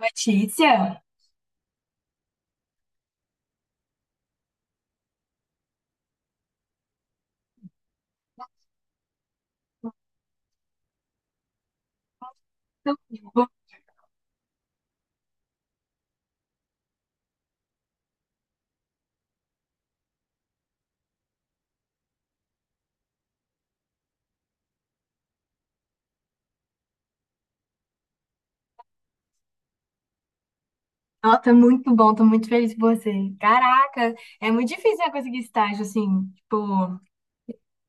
Letícia? Muito bom. Nossa, muito bom, tô muito feliz por você. Caraca, é muito difícil né, conseguir estágio assim, tipo,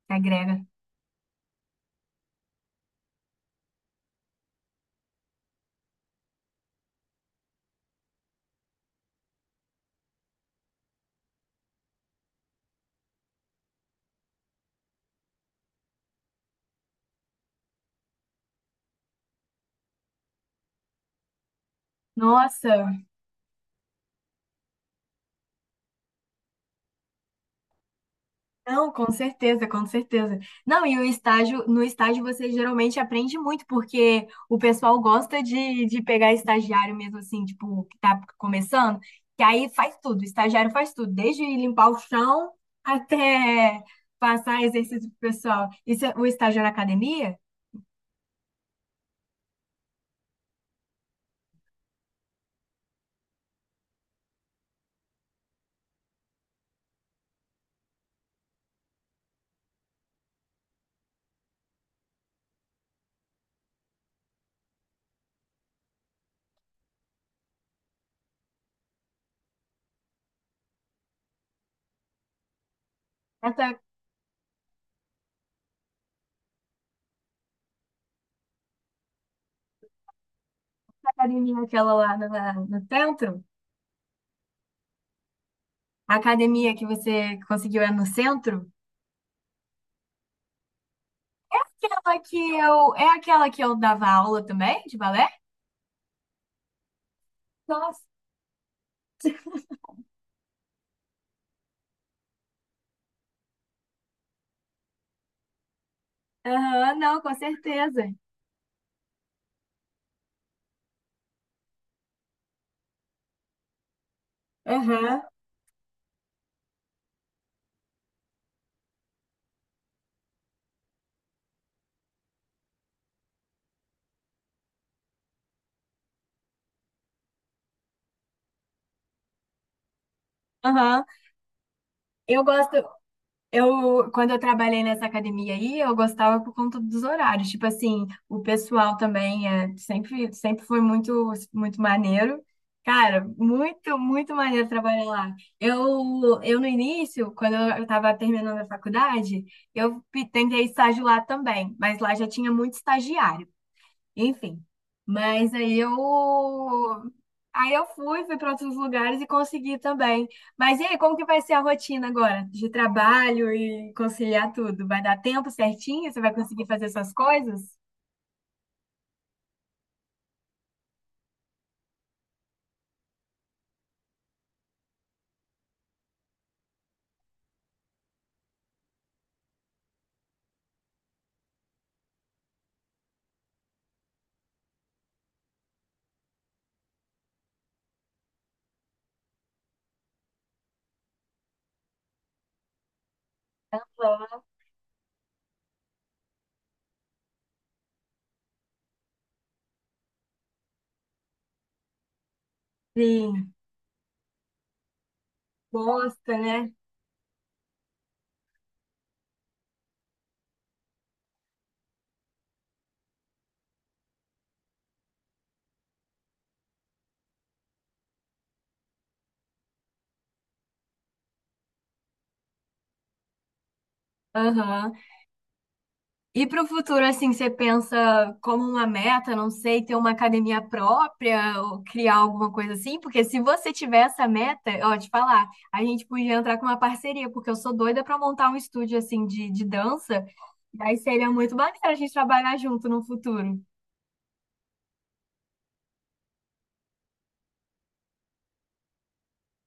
na grega. Nossa, não, com certeza, com certeza. Não, e o estágio, no estágio você geralmente aprende muito, porque o pessoal gosta de pegar estagiário mesmo assim, tipo, que tá começando, que aí faz tudo, o estagiário faz tudo, desde limpar o chão até passar exercício pro pessoal. Isso é o estágio na academia? Academia aquela lá no, no centro? A academia que você conseguiu é no centro? Aquela que eu. É aquela que eu dava aula também, de balé? Nossa. Aham, não, com certeza. Aham, aham. Eu gosto. Eu, quando eu trabalhei nessa academia aí, eu gostava por conta dos horários. Tipo assim, o pessoal também é, sempre, sempre foi muito, muito maneiro. Cara, muito, muito maneiro trabalhar lá. Eu no início, quando eu estava terminando a faculdade, tentei estágio lá também, mas lá já tinha muito estagiário. Enfim. Mas aí eu. Aí eu fui, fui para outros lugares e consegui também. Mas e aí, como que vai ser a rotina agora de trabalho e conciliar tudo? Vai dar tempo certinho? Você vai conseguir fazer suas coisas? Sim, gosta, né? Aham. E para o futuro, assim, você pensa como uma meta, não sei, ter uma academia própria ou criar alguma coisa assim? Porque se você tiver essa meta, ó, te falar, a gente podia entrar com uma parceria, porque eu sou doida para montar um estúdio, assim, de dança. Daí seria muito maneiro a gente trabalhar junto no futuro.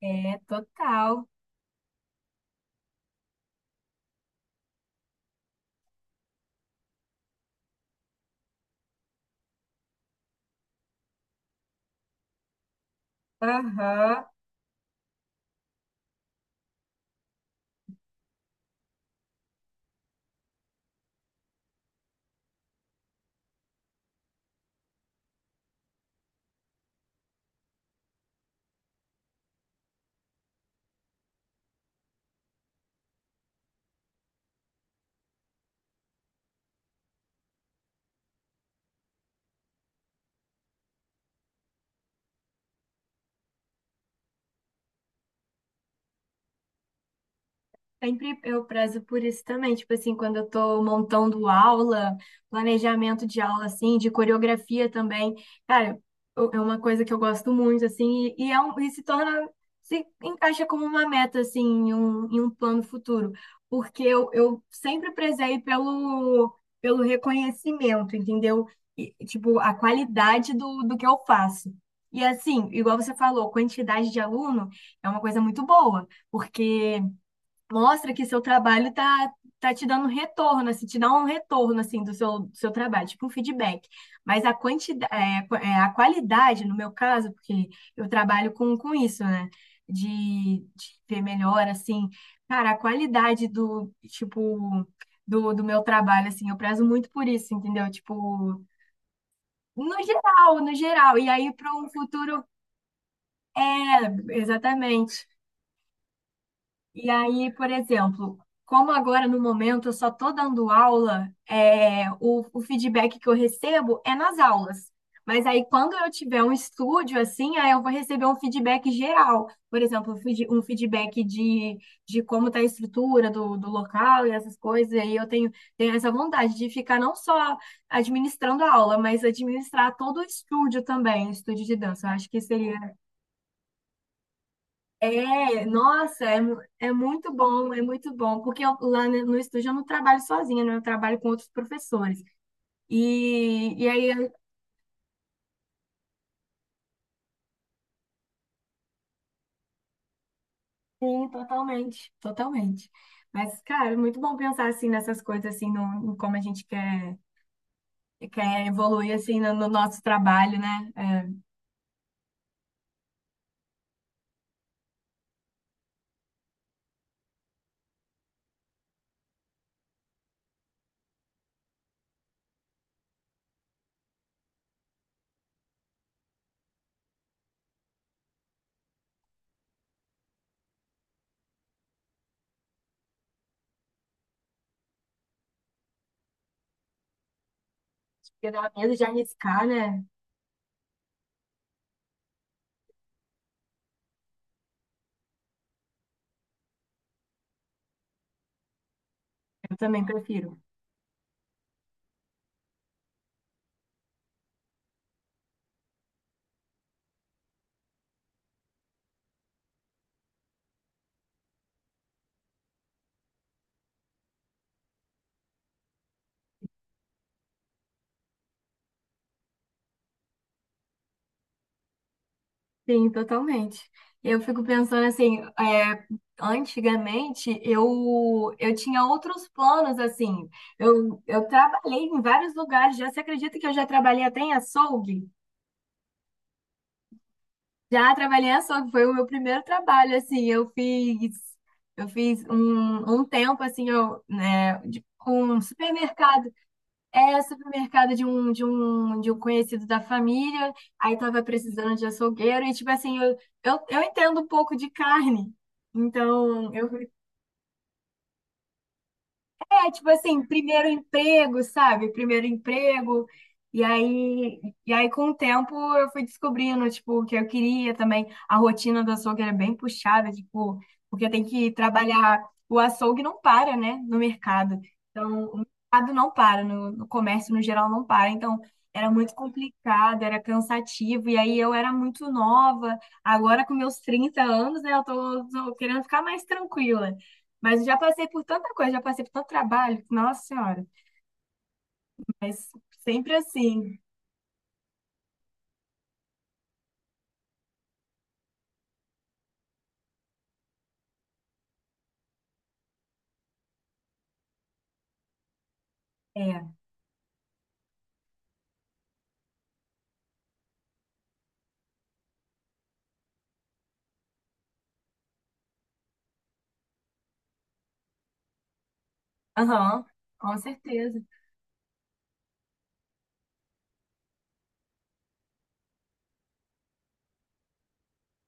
É, total. Aham. Sempre eu prezo por isso também, tipo assim, quando eu tô montando aula, planejamento de aula, assim, de coreografia também, cara, é uma coisa que eu gosto muito, assim, e é um, e se torna, se encaixa como uma meta, assim, em um plano futuro, porque eu sempre prezei pelo, pelo reconhecimento, entendeu? E, tipo, a qualidade do, do que eu faço. E assim, igual você falou, quantidade de aluno é uma coisa muito boa, porque mostra que seu trabalho tá, tá te dando retorno, assim, te dá um retorno assim do seu trabalho, tipo um feedback. Mas a quantidade, a qualidade, no meu caso, porque eu trabalho com isso, né? De ver melhor, assim, cara, a qualidade do, tipo, do, do meu trabalho, assim, eu prezo muito por isso, entendeu? Tipo, no geral, no geral. E aí, para um futuro, é, exatamente. E aí, por exemplo, como agora no momento eu só estou dando aula, é, o feedback que eu recebo é nas aulas. Mas aí, quando eu tiver um estúdio assim, aí eu vou receber um feedback geral. Por exemplo, um um feedback de como está a estrutura do, do local e essas coisas. E aí eu tenho, tenho essa vontade de ficar não só administrando a aula, mas administrar todo o estúdio também, o estúdio de dança. Eu acho que seria é, nossa, é, é muito bom, porque no estúdio eu não trabalho sozinha, né? Eu trabalho com outros professores. E, e aí, eu- sim, totalmente, totalmente. Mas, cara, é muito bom pensar assim nessas coisas, assim, no, em como a gente quer, quer evoluir, assim, no, no nosso trabalho, né? É, porque dá medo de arriscar, né? Eu também prefiro. Sim, totalmente. Eu fico pensando assim, é, antigamente eu tinha outros planos, assim. Eu trabalhei em vários lugares. Já se acredita que eu já trabalhei até em açougue? Já trabalhei em açougue, foi o meu primeiro trabalho, assim. Eu fiz um, um tempo, assim, eu, né, um supermercado. É supermercado de um conhecido da família, aí tava precisando de açougueiro, e tipo assim, eu entendo um pouco de carne, então eu, é, tipo assim, primeiro emprego, sabe? Primeiro emprego. E aí, e aí com o tempo, eu fui descobrindo, tipo, o que eu queria também. A rotina do açougue era bem puxada, tipo, porque tem que trabalhar. O açougue não para, né? No mercado. Então, o mercado não para, no, no comércio, no geral, não para. Então, era muito complicado, era cansativo. E aí, eu era muito nova. Agora, com meus 30 anos, né? Eu tô, tô querendo ficar mais tranquila. Mas eu já passei por tanta coisa, já passei por tanto trabalho, nossa senhora. Mas sempre assim. É. Aham, com certeza.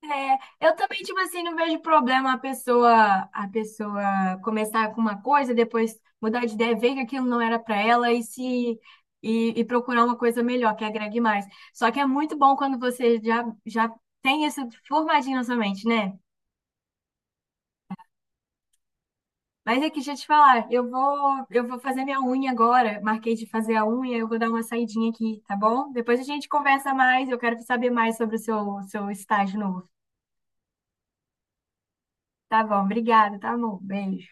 É, eu também, tipo assim, não vejo problema a pessoa começar com uma coisa, depois mudar de ideia, ver que aquilo não era para ela e se e, e procurar uma coisa melhor, que agregue mais. Só que é muito bom quando você já, já tem isso formadinho na sua mente, né? Mas é que deixa eu te falar, eu vou fazer minha unha agora. Marquei de fazer a unha, eu vou dar uma saidinha aqui, tá bom? Depois a gente conversa mais, eu quero saber mais sobre o seu, seu estágio novo. Tá bom, obrigada, tá, amor? Beijo.